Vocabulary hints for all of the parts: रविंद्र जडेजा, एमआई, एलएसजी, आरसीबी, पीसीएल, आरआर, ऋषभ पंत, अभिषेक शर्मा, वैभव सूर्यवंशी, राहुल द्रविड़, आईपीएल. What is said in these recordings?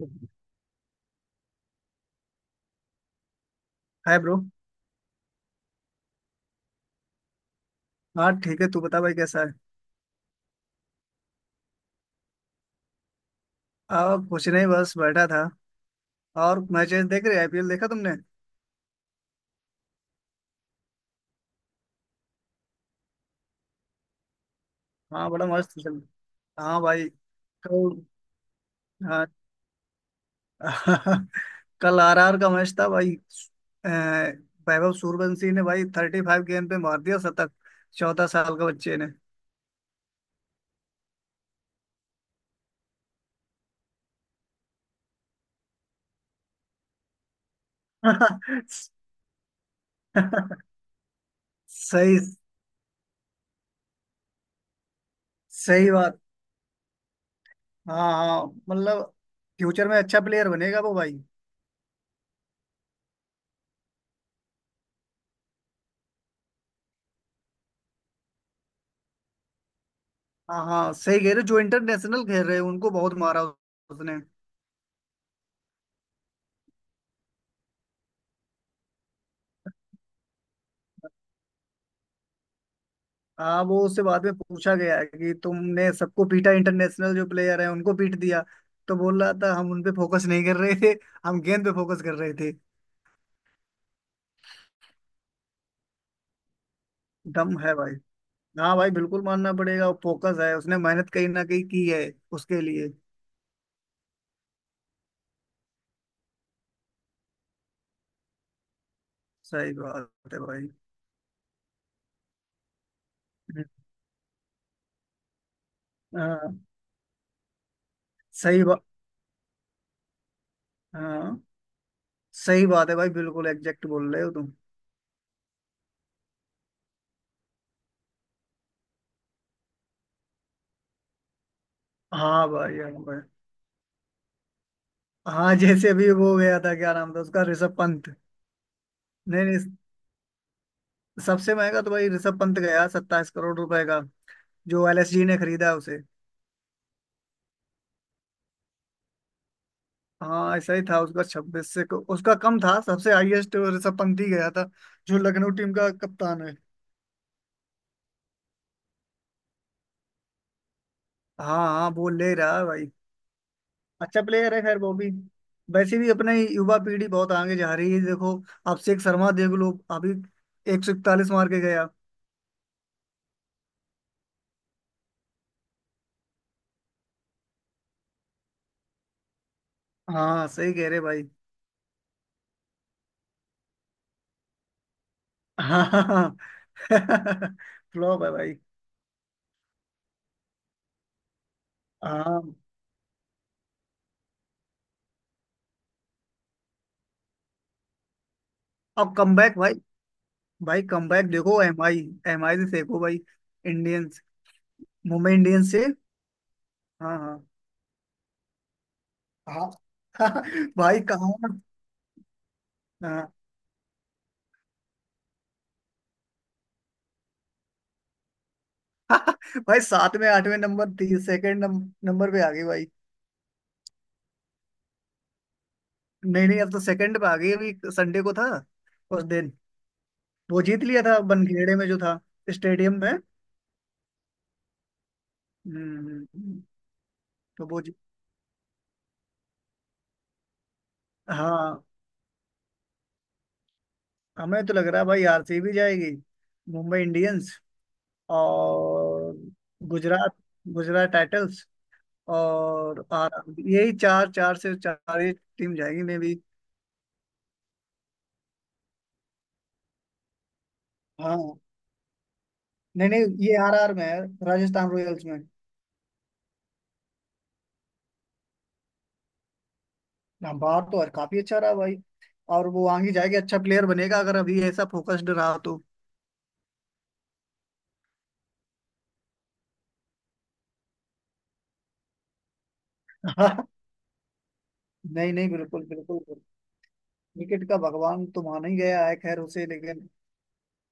हाय bro. हाँ ठीक है। तू बता भाई कैसा है? आ कुछ नहीं बस बैठा था। और मैचेस देख रहे। आईपीएल देखा तुमने? हाँ बड़ा मस्त चल। हाँ भाई। कल। हाँ। कल आरआर का मैच था भाई। अ, वैभव सूर्यवंशी ने भाई 35 गेंद पे मार दिया शतक। 14 साल के बच्चे ने। सही। सही बात। हाँ हाँ मतलब फ्यूचर में अच्छा प्लेयर बनेगा वो भाई। हाँ हाँ सही कह रहे हो, जो इंटरनेशनल खेल रहे हैं उनको बहुत मारा उसने। हाँ, वो उससे बाद में पूछा गया है कि तुमने सबको पीटा, इंटरनेशनल जो प्लेयर है उनको पीट दिया। तो बोल रहा था हम उन पे फोकस नहीं कर रहे थे, हम गेंद पे फोकस कर रहे थे। दम है भाई। हाँ भाई बिल्कुल मानना पड़ेगा। फोकस है उसने, मेहनत कहीं ना कहीं की है उसके लिए। सही बात है भाई। हाँ सही बात। हाँ सही बात है भाई। बिल्कुल एग्जैक्ट बोल रहे हो तुम। हाँ भाई। हाँ भाई। हाँ जैसे अभी वो गया था, क्या नाम था उसका, ऋषभ पंत। नहीं नहीं। सबसे महंगा तो भाई ऋषभ पंत गया 27 करोड़ रुपए का, जो एलएसजी ने खरीदा उसे। हाँ ऐसा ही था। उसका 26 से उसका कम था। सबसे हाईएस्ट ऋषभ पंत ही गया था, जो लखनऊ टीम का कप्तान है। हाँ हाँ वो ले रहा है भाई। अच्छा प्लेयर है खैर वो भी। वैसे भी अपने युवा पीढ़ी बहुत आगे जा रही है देखो। अभिषेक शर्मा देख लो अभी, 141 मार के गया। हाँ सही कह रहे भाई। हाँ। फ्लॉप है भाई। हाँ अब कमबैक भाई। भाई कमबैक देखो एमआई एमआई से देखो भाई। इंडियंस, मुंबई इंडियंस से। हाँ हाँ। हाँ। भाई कहाँ। हाँ, भाई सातवें में आठवें नंबर थी, सेकंड नंबर पे आ गई भाई। नहीं नहीं, अब तो सेकंड पे आ गई। अभी संडे को था उस दिन, वो जीत लिया था बनखेड़े में जो था, स्टेडियम में। हम्म, तो हाँ, हमें तो लग रहा है भाई आरसीबी जाएगी, मुंबई इंडियंस, और गुजरात, गुजरात टाइटल्स, और आर यही चार, चार से चार ही टीम जाएगी मे भी। हाँ नहीं नहीं, ये आरआर में है, राजस्थान रॉयल्स में। हाँ, बाहर तो और काफी अच्छा रहा भाई। और वो आगे जाके अच्छा प्लेयर बनेगा अगर अभी ऐसा फोकस्ड रहा तो। नहीं। नहीं बिल्कुल बिल्कुल। क्रिकेट का भगवान तो माना ही गया है खैर उसे, लेकिन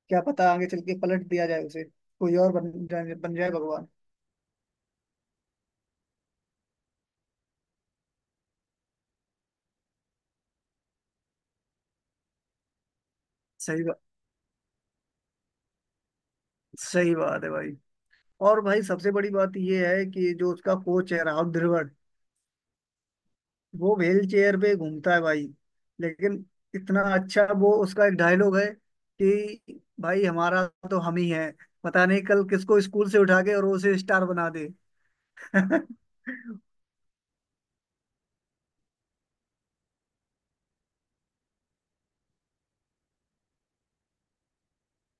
क्या पता आगे चल के पलट दिया जाए उसे, कोई और बन जाए, बन जाए भगवान। सही बात। सही बात है भाई। और भाई सबसे बड़ी बात ये है कि जो उसका कोच है राहुल द्रविड़, वो व्हील चेयर पे घूमता है भाई। लेकिन इतना अच्छा, वो उसका एक डायलॉग है कि भाई हमारा तो हम ही है, पता नहीं कल किसको स्कूल से उठा के और वो उसे स्टार बना दे।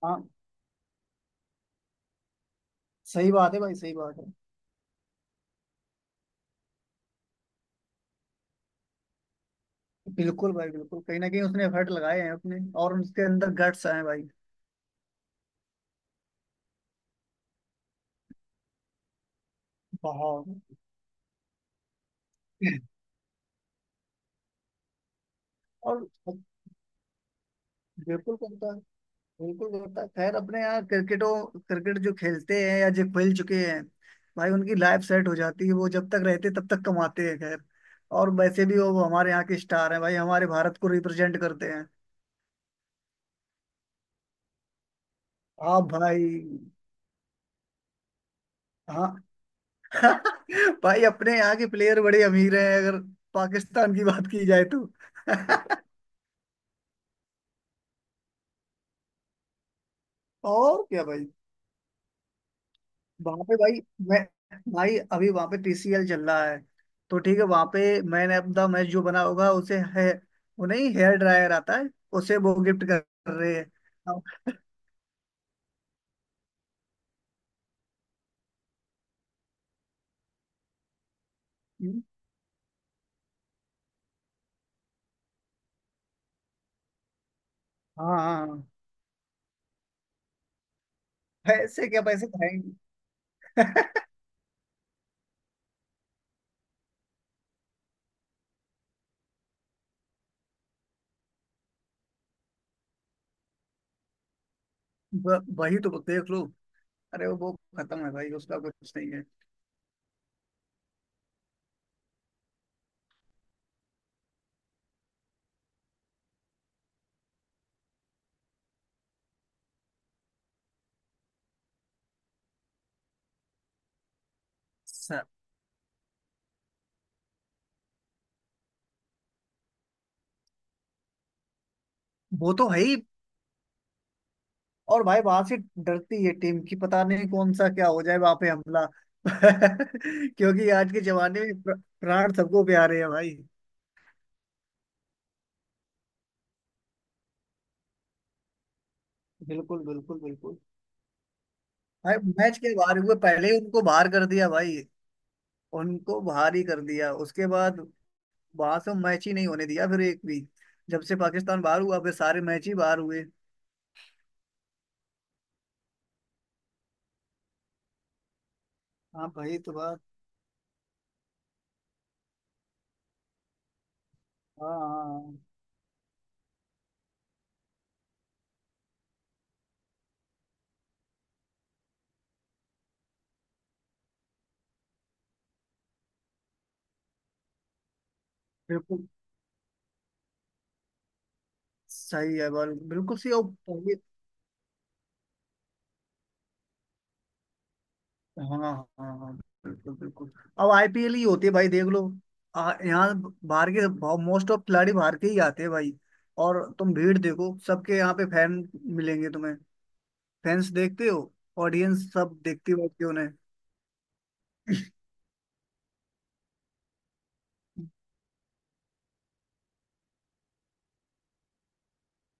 हाँ सही बात है भाई। सही बात है। बिल्कुल भाई बिल्कुल कहीं ना कहीं उसने एफर्ट लगाए हैं अपने, और उसके अंदर गट्स आए हैं भाई। बहुत। और बिल्कुल करता है। बिल्कुल होता है। खैर अपने यहाँ क्रिकेट जो खेलते हैं या जो खेल चुके हैं भाई, उनकी लाइफ सेट हो जाती है। वो जब तक रहते तब तक कमाते हैं खैर। और वैसे भी वो हमारे यहाँ के स्टार हैं भाई, हमारे भारत को रिप्रेजेंट करते हैं। हाँ भाई। हाँ भाई अपने यहाँ के प्लेयर बड़े अमीर हैं, अगर पाकिस्तान की बात की जाए तो। और क्या भाई। वहां पे भाई। मैं भाई अभी वहां पे पीसीएल चल रहा है, तो ठीक है वहां पे मैंने अपना मैच जो बना होगा उसे है, वो नहीं हेयर ड्रायर आता है उसे वो गिफ्ट कर रहे हैं। अब- हाँ हाँ हाँ। पैसे क्या पैसे खाएंगे। वही तो देख लो। अरे वो खत्म है भाई, उसका कुछ नहीं है। स- वो तो है ही। और भाई वहां से डरती है टीम की, पता नहीं कौन सा क्या हो जाए वहां पे हमला। क्योंकि आज के जमाने में प्राण सबको प्यारे हैं भाई। बिल्कुल बिल्कुल बिल्कुल। भाई मैच के बाहर हुए, पहले ही उनको बाहर कर दिया भाई। उनको बाहर ही कर दिया उसके बाद, वहां से मैच ही नहीं होने दिया फिर एक भी। जब से पाकिस्तान बाहर हुआ फिर सारे मैच ही बाहर हुए। हाँ भाई तो बात। हाँ हाँ हाँ, बिल्कुल सही है बाल, बिल्कुल सही। और पहले। हाँ हाँ हाँ बिल्कुल बिल्कुल। अब आईपीएल ही होती है भाई देख लो। यहाँ बाहर के, मोस्ट ऑफ खिलाड़ी बाहर के ही आते हैं भाई। और तुम भीड़ देखो, सबके यहाँ पे फैन मिलेंगे तुम्हें। फैंस देखते हो, ऑडियंस सब देखती बैठती उन्हें।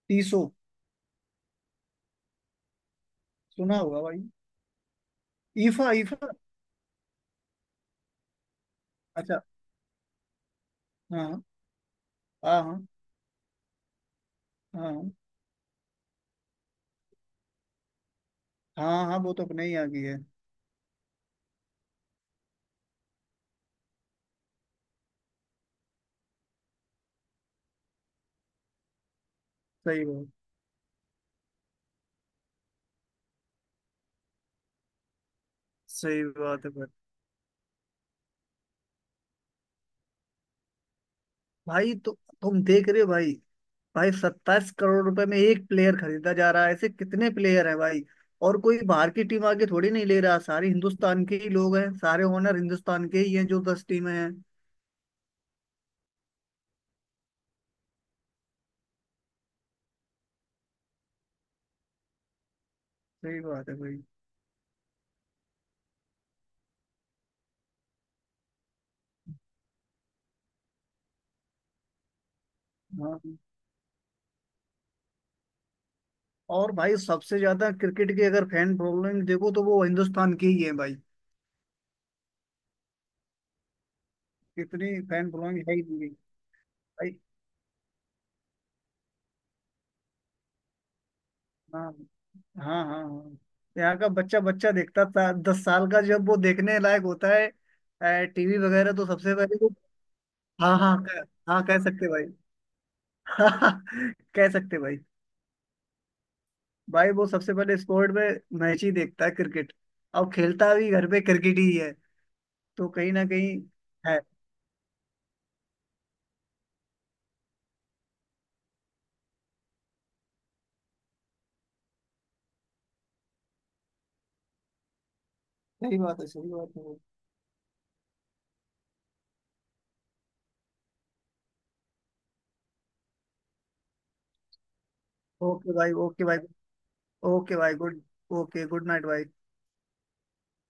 टीसो सुना होगा भाई। ईफा ईफा। अच्छा। हाँ। हाँ। हाँ। हाँ। हाँ हाँ वो तो अपने ही आ गई है। सही बात। सही बात है भाई। भाई तो तुम देख रहे हो भाई। भाई 27 करोड़ रुपए में एक प्लेयर खरीदा जा रहा है, ऐसे कितने प्लेयर हैं भाई। और कोई बाहर की टीम आके थोड़ी नहीं ले रहा, सारे हिंदुस्तान के ही लोग हैं, सारे ओनर हिंदुस्तान के ही हैं जो 10 टीमें हैं। सही बात है भाई। हाँ, और भाई सबसे ज्यादा क्रिकेट की अगर फैन फॉलोइंग देखो तो वो हिंदुस्तान की ही है भाई। इतनी फैन फॉलोइंग है ही नहीं भाई। हाँ हाँ हाँ हाँ। यहाँ का बच्चा बच्चा देखता था 10 साल का जब वो देखने लायक होता है टीवी वगैरह, तो सबसे पहले वो। हाँ हाँ हाँ कह सकते भाई। हाँ, कह सकते भाई। भाई वो सबसे पहले स्पोर्ट में मैच ही देखता है क्रिकेट, और खेलता भी घर पे क्रिकेट ही है। तो कहीं ना कहीं है। सही बात है। सही बात है। ओके भाई। ओके भाई। ओके भाई गुड। ओके गुड नाइट भाई।